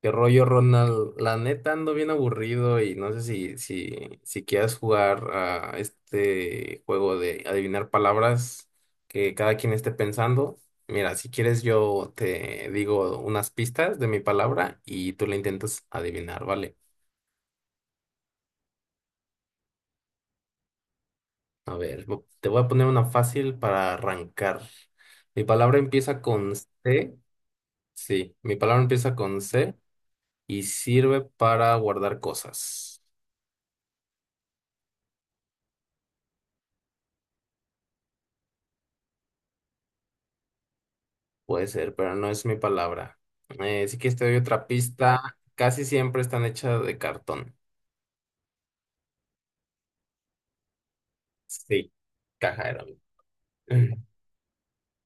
¿Qué rollo, Ronald? La neta ando bien aburrido y no sé si quieras jugar a este juego de adivinar palabras que cada quien esté pensando. Mira, si quieres yo te digo unas pistas de mi palabra y tú la intentas adivinar, ¿vale? A ver, te voy a poner una fácil para arrancar. Mi palabra empieza con C. Sí, mi palabra empieza con C y sirve para guardar cosas. Puede ser, pero no es mi palabra. Si quieres te doy otra pista. Casi siempre están hechas de cartón. Sí, caja era.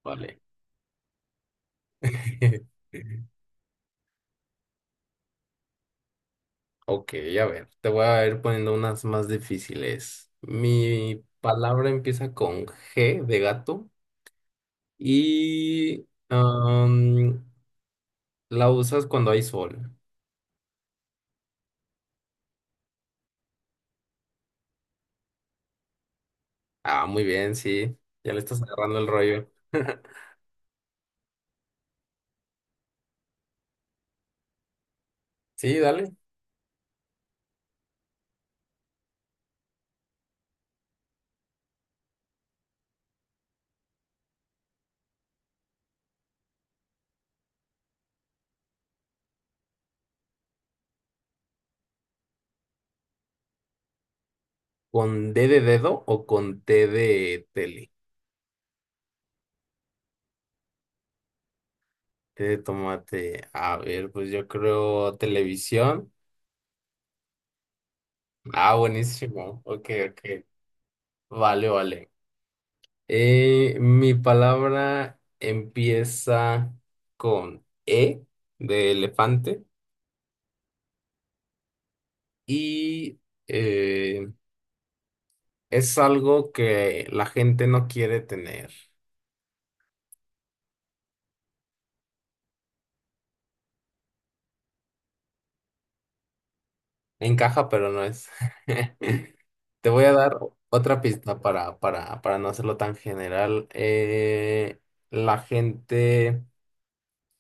Vale. Ok, a ver, te voy a ir poniendo unas más difíciles. Mi palabra empieza con G de gato y la usas cuando hay sol. Ah, muy bien, sí. Ya le estás agarrando el rollo. Sí, dale. ¿Con D de dedo o con T de tele? Qué De tomate. A ver, pues yo creo televisión. Ah, buenísimo. Ok, ok. Vale, vale. Mi palabra empieza con E de elefante y eh, es algo que la gente no quiere tener. Encaja, pero no es. Te voy a dar otra pista para, para no hacerlo tan general. La gente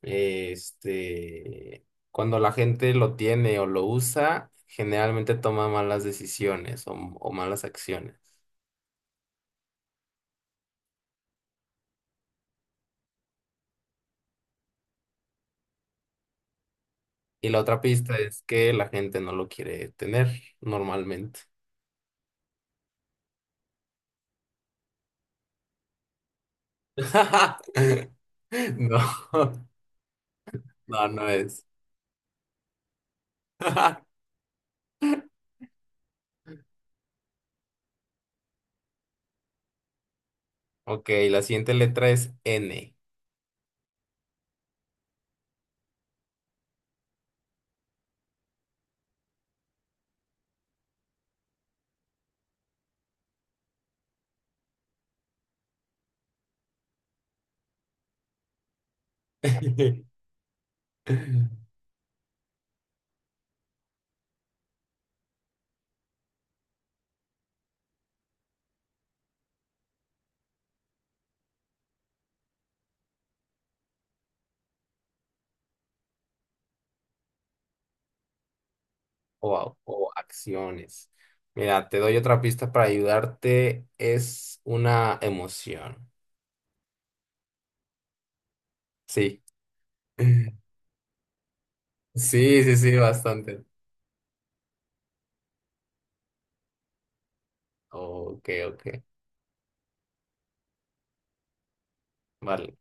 Cuando la gente lo tiene o lo usa, generalmente toma malas decisiones o malas acciones. Y la otra pista es que la gente no lo quiere tener normalmente. No, no es. Ok, la siguiente letra es N. O, o acciones. Mira, te doy otra pista para ayudarte. Es una emoción. Sí. Sí, sí, sí, bastante. Ok, ok. Vale,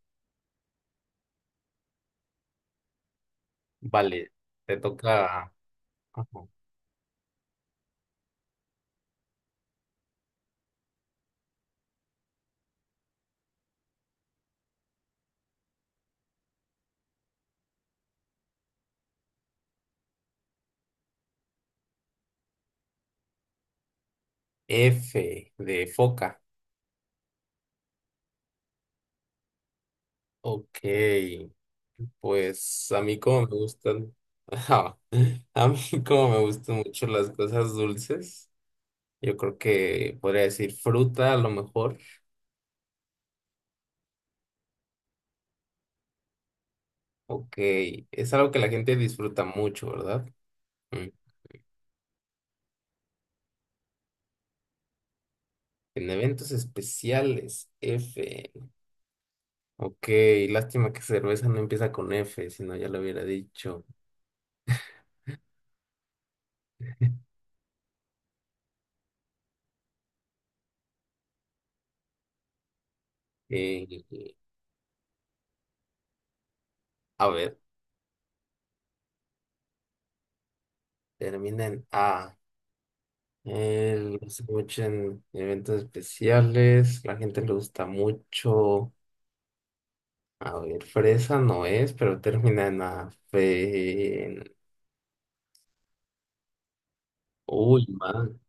vale. Te toca, ajá, F de foca. Ok, pues a mí como me gustan, ajá, a mí como me gustan mucho las cosas dulces, yo creo que podría decir fruta a lo mejor. Ok, es algo que la gente disfruta mucho, ¿verdad? Mm. En eventos especiales, F. Ok, lástima que cerveza no empieza con F, si no ya lo hubiera dicho. Eh, eh, a ver, termina en A. Él lo hace mucho en eventos especiales. La gente le gusta mucho. A ver, fresa no es, pero termina en A. Uy, man,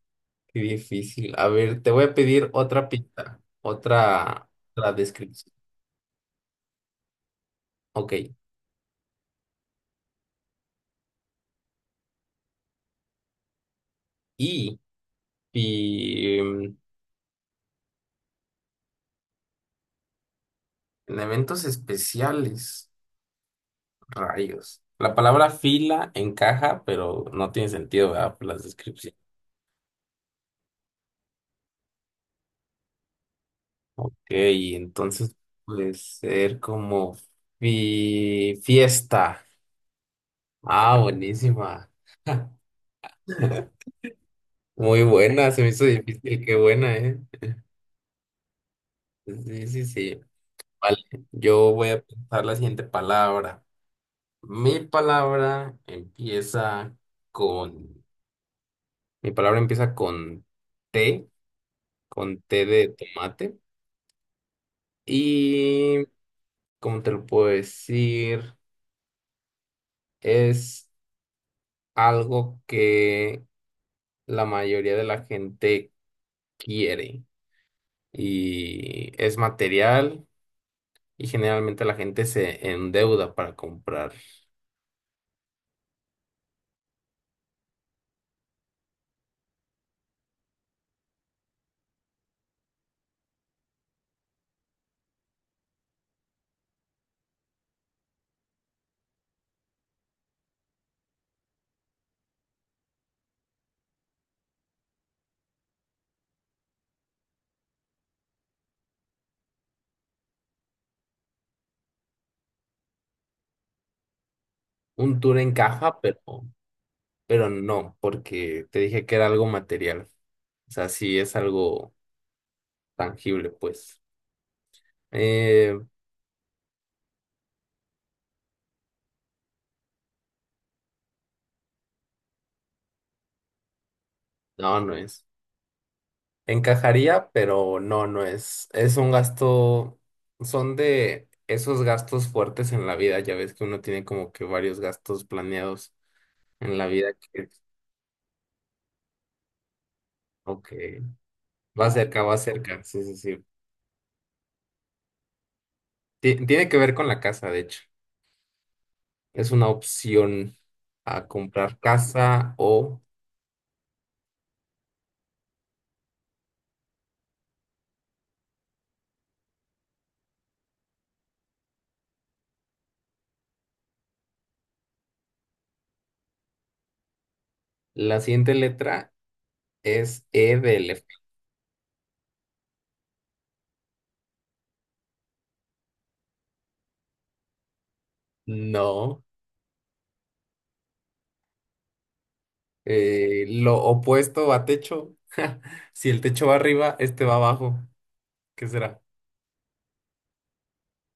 qué difícil. A ver, te voy a pedir otra pista, otra descripción. Ok. Y, y mm, en eventos especiales, rayos. La palabra fila encaja, pero no tiene sentido, ¿verdad? Por las descripciones. Y entonces puede ser como fiesta. Ah, buenísima. Muy buena, se me hizo difícil, qué buena, ¿eh? Sí, sí, sí. Vale, yo voy a pensar la siguiente palabra. Mi palabra empieza con... Mi palabra empieza T, con T de tomate. Y ¿cómo te lo puedo decir? Es algo que la mayoría de la gente quiere y es material y generalmente la gente se endeuda para comprar un tour en caja, pero no, porque te dije que era algo material. O sea, sí es algo tangible, pues. Eh, no, no es. Encajaría, pero no es. Es un gasto, son de esos gastos fuertes en la vida. Ya ves que uno tiene como que varios gastos planeados en la vida. Ok. Va cerca, va cerca. Sí, sí, sí. Tiene que ver con la casa, de hecho. Es una opción a comprar casa o la siguiente letra es E de No. Lo opuesto a techo. Si el techo va arriba, este va abajo. ¿Qué será?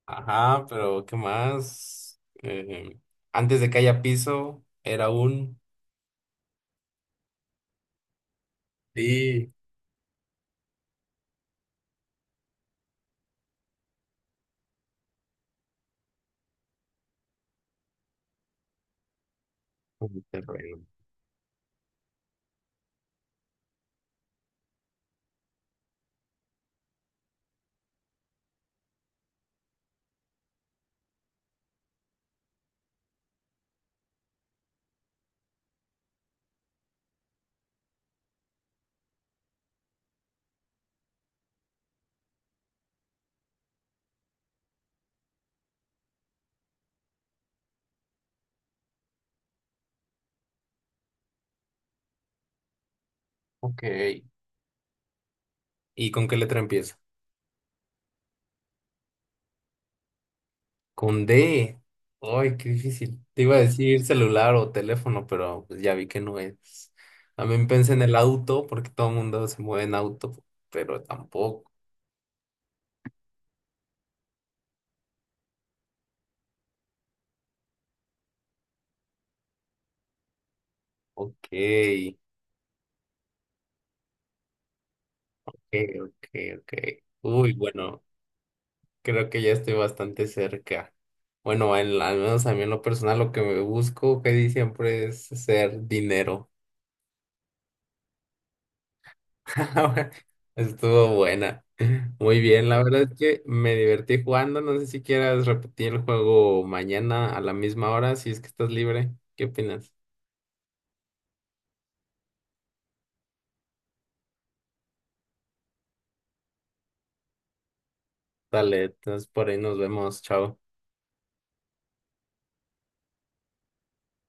Ajá, pero ¿qué más? Antes de que haya piso, era un... Sí. Un terreno. Ok. ¿Y con qué letra empieza? Con D. Ay, qué difícil. Te iba a decir celular o teléfono, pero pues ya vi que no es. También pensé en el auto, porque todo el mundo se mueve en auto, pero tampoco. Ok, ok, ok, ok. Uy, bueno, creo que ya estoy bastante cerca. Bueno, en la- al menos a mí en lo personal lo que me busco, que di siempre es ser dinero. Estuvo buena. Muy bien, la verdad es que me divertí jugando. No sé si quieras repetir el juego mañana a la misma hora, si es que estás libre. ¿Qué opinas? Dale, entonces por ahí nos vemos. Chao.